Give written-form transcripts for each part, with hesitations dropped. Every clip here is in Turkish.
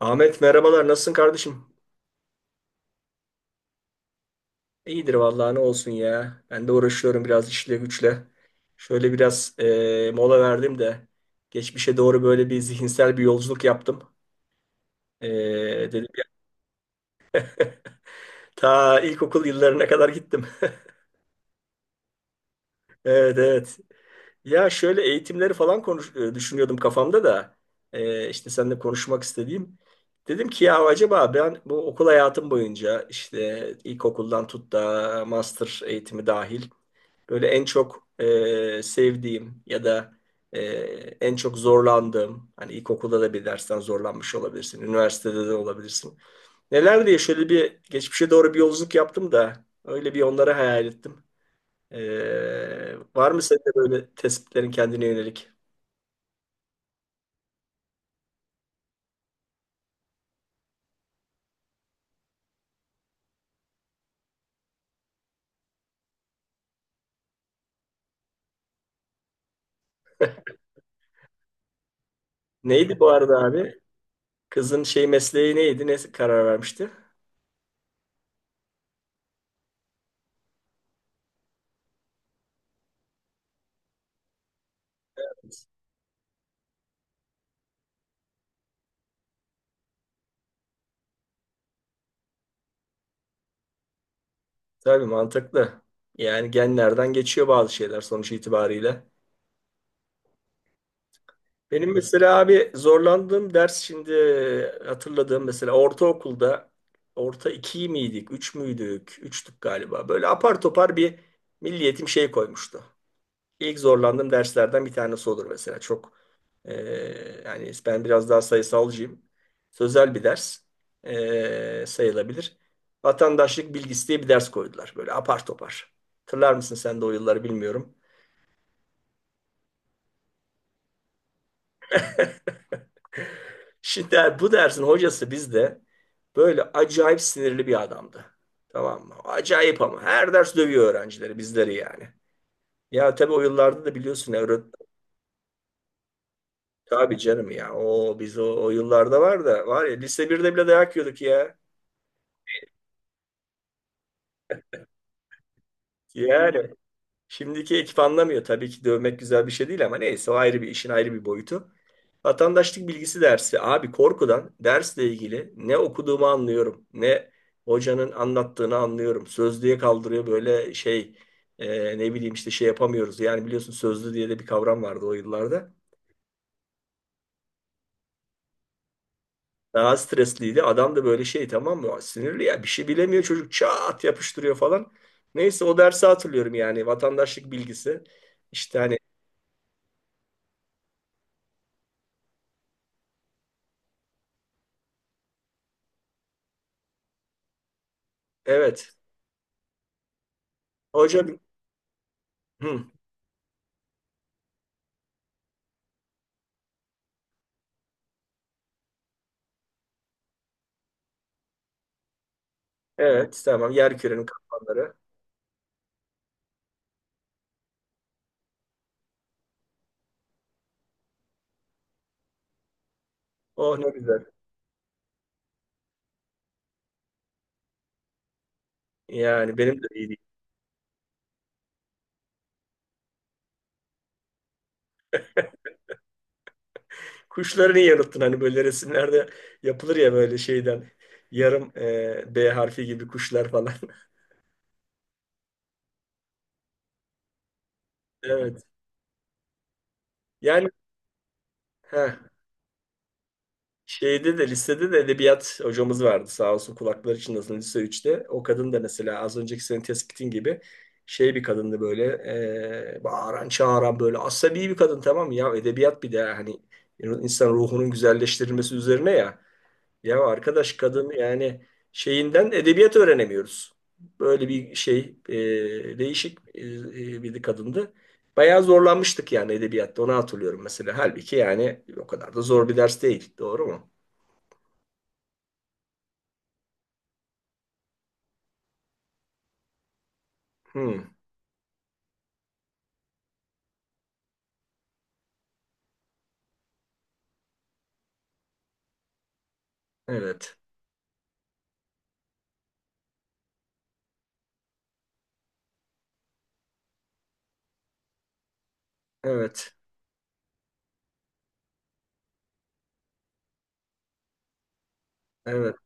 Ahmet merhabalar, nasılsın kardeşim? İyidir vallahi, ne olsun ya. Ben de uğraşıyorum biraz işle güçle. Şöyle biraz mola verdim de geçmişe doğru böyle bir zihinsel bir yolculuk yaptım. E, Dedim ya, ta ilkokul yıllarına kadar gittim. Evet, evet. Ya şöyle eğitimleri falan konuş düşünüyordum kafamda da işte seninle konuşmak istediğim. Dedim ki ya, acaba ben bu okul hayatım boyunca, işte ilkokuldan tut da master eğitimi dahil, böyle en çok sevdiğim ya da e, en çok zorlandığım, hani ilkokulda da bir dersten zorlanmış olabilirsin, üniversitede de olabilirsin. Neler diye şöyle bir geçmişe doğru bir yolculuk yaptım da öyle bir onları hayal ettim. Var mı senin de böyle tespitlerin kendine yönelik? Neydi bu arada abi? Kızın şey mesleği neydi? Ne karar vermişti? Tabii, mantıklı. Yani genlerden geçiyor bazı şeyler sonuç itibariyle. Benim mesela abi zorlandığım ders, şimdi hatırladığım, mesela ortaokulda, orta iki miydik, üç müydük, üçtük galiba. Böyle apar topar bir milliyetim şey koymuştu. İlk zorlandığım derslerden bir tanesi olur mesela. Çok e, yani ben biraz daha sayısalcıyım. Sözel bir ders sayılabilir. Vatandaşlık bilgisi diye bir ders koydular. Böyle apar topar. Hatırlar mısın sen de o yılları bilmiyorum. Şimdi bu dersin hocası bizde böyle acayip sinirli bir adamdı. Tamam mı? Acayip ama. Her ders dövüyor öğrencileri, bizleri yani. Ya tabii o yıllarda da biliyorsun ya tabii canım ya. O biz o yıllarda var da var ya, lise 1'de bile dayak yiyorduk ya. Yani şimdiki ekip anlamıyor. Tabii ki dövmek güzel bir şey değil ama neyse, o ayrı bir işin ayrı bir boyutu. Vatandaşlık bilgisi dersi. Abi korkudan dersle ilgili ne okuduğumu anlıyorum, ne hocanın anlattığını anlıyorum. Sözlüğe kaldırıyor, böyle şey, ne bileyim işte şey yapamıyoruz. Yani biliyorsun sözlü diye de bir kavram vardı o yıllarda. Daha stresliydi. Adam da böyle şey, tamam mı? Sinirli ya, bir şey bilemiyor çocuk çat yapıştırıyor falan. Neyse, o dersi hatırlıyorum yani, vatandaşlık bilgisi. İşte hani evet hoca. Hı, evet, tamam, yer kürenin katmanları. Oh ne güzel. Yani benim de iyiydi. Kuşları niye unuttun? Hani böyle resimlerde yapılır ya böyle şeyden. Yarım B harfi gibi kuşlar falan. Evet. Yani heh, şeyde de lisede de edebiyat hocamız vardı, sağ olsun kulakları çınlasın, lise üçte. O kadın da mesela az önceki senin tespitin gibi şey bir kadındı, böyle bağıran çağıran böyle asabi bir kadın, tamam mı? Ya edebiyat bir de hani insan ruhunun güzelleştirilmesi üzerine ya. Ya arkadaş, kadın yani şeyinden edebiyat öğrenemiyoruz. Böyle bir şey değişik bir kadındı. Bayağı zorlanmıştık yani edebiyatta, onu hatırlıyorum mesela. Halbuki yani o kadar da zor bir ders değil. Doğru mu? Hmm, evet. Evet. Evet.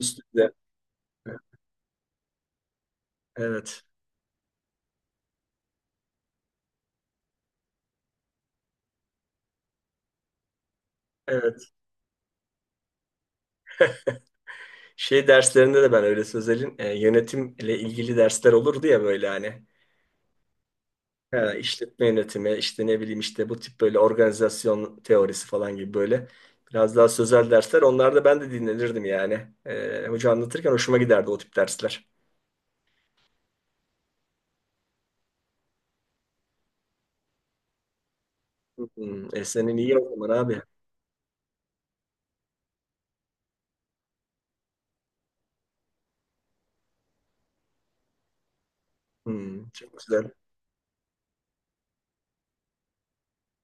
Üstünde evet. Evet. Şey derslerinde de ben öyle sözelin yönetimle ilgili dersler olurdu ya böyle hani. Ha, işletme yönetimi, işte ne bileyim işte bu tip böyle organizasyon teorisi falan gibi böyle biraz daha sözel dersler. Onlarda ben de dinlenirdim yani. Hoca anlatırken hoşuma giderdi o tip dersler. Hmm, e senin iyi o zaman abi. Hmm, çok güzel.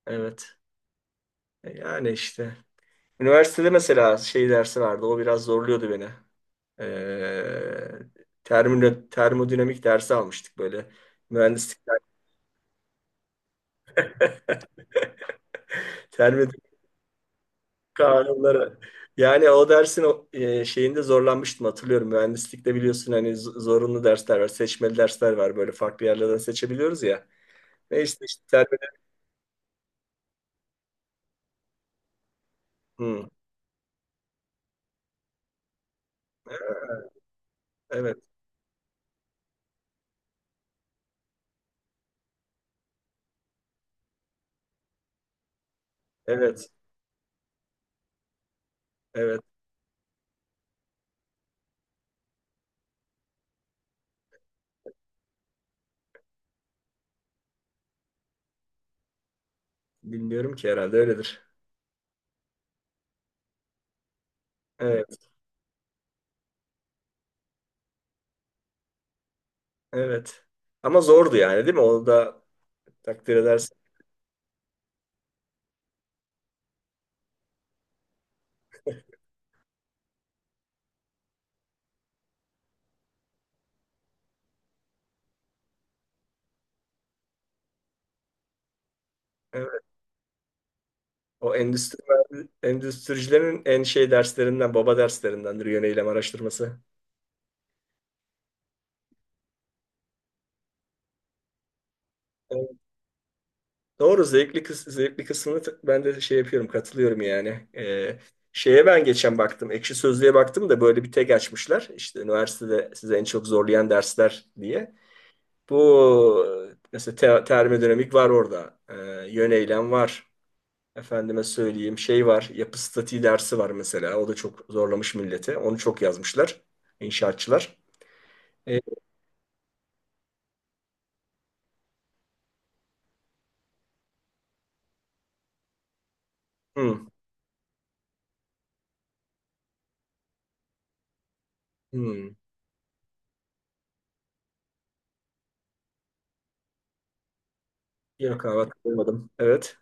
Evet. E yani işte. Üniversitede mesela şey dersi vardı. O biraz zorluyordu beni. Ee, Termodinamik dersi almıştık böyle. Mühendislik dersi. Kanunlara. Yani o dersin o, şeyinde zorlanmıştım hatırlıyorum. Mühendislikte biliyorsun hani zorunlu dersler var, seçmeli dersler var. Böyle farklı yerlerden seçebiliyoruz ya. Ne işte işte serbest- Hı, evet, evet, evet. Bilmiyorum ki, herhalde öyledir. Evet, evet. Ama zordu yani değil mi? Onu da takdir edersin. Evet. O endüstri, endüstricilerin en şey derslerinden, baba derslerindendir yöneylem araştırması. Evet. Doğru, zevkli, zevkli kısmını ben de şey yapıyorum, katılıyorum yani. Şeye ben geçen baktım, Ekşi Sözlüğe baktım da, böyle bir tek açmışlar. İşte üniversitede size en çok zorlayan dersler diye. Bu mesela termodinamik var orada. Yöneylem var. Efendime söyleyeyim şey var. Yapı statiği dersi var mesela. O da çok zorlamış milleti. Onu çok yazmışlar inşaatçılar. Ee, hmm, hmm. Yok abi, hatırlamadım. Evet.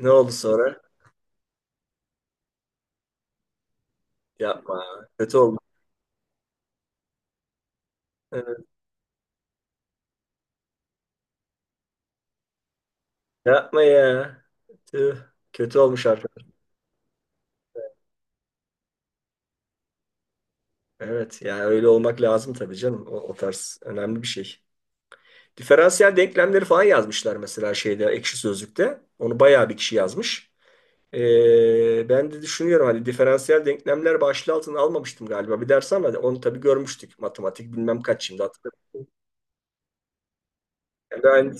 Ne oldu sonra? Yapma. Kötü oldu. Ee. Yapma ya. Tüh. Kötü olmuş arkadaş. Evet yani öyle olmak lazım tabii canım. O tarz önemli bir şey. Diferansiyel denklemleri falan yazmışlar mesela şeyde, Ekşi Sözlük'te. Onu bayağı bir kişi yazmış. Ben de düşünüyorum hani diferansiyel denklemler başlığı altına almamıştım galiba bir ders, ama onu tabii görmüştük. Matematik bilmem kaç, şimdi hatırlamıyorum. Yani ben-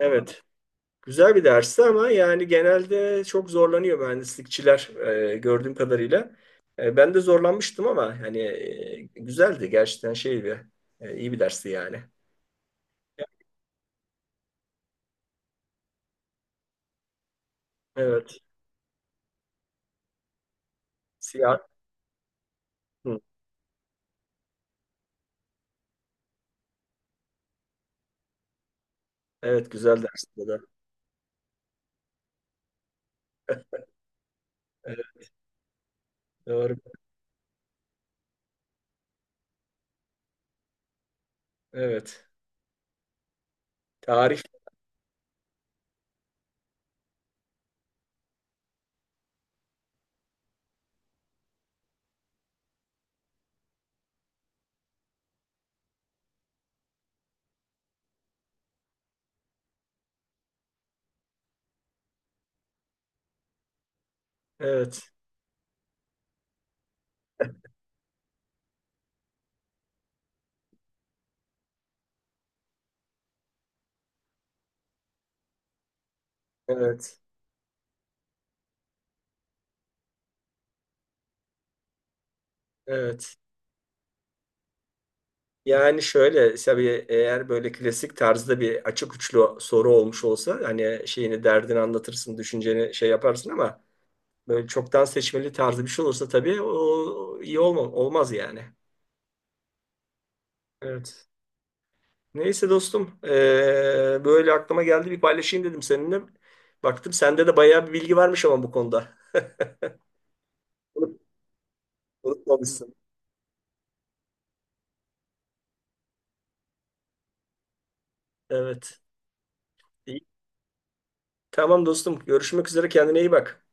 evet. Güzel bir dersti ama yani genelde çok zorlanıyor mühendislikçiler gördüğüm kadarıyla. Ben de zorlanmıştım ama hani güzeldi gerçekten, şey bir iyi bir dersti yani. Evet. Siyah. Hı. Evet, güzel dersti o da. Evet, doğru. Evet. Tarih. Evet. Evet. Evet. Yani şöyle tabii, eğer böyle klasik tarzda bir açık uçlu soru olmuş olsa, hani şeyini, derdini anlatırsın, düşünceni şey yaparsın, ama böyle çok daha seçmeli tarzı bir şey olursa, tabii o iyi olmaz yani. Evet. Neyse dostum, böyle aklıma geldi, bir paylaşayım dedim seninle. Baktım sende de bayağı bir bilgi varmış ama bu konuda. Unut- Unutmamışsın. Evet. İyi. Tamam dostum, görüşmek üzere, kendine iyi bak.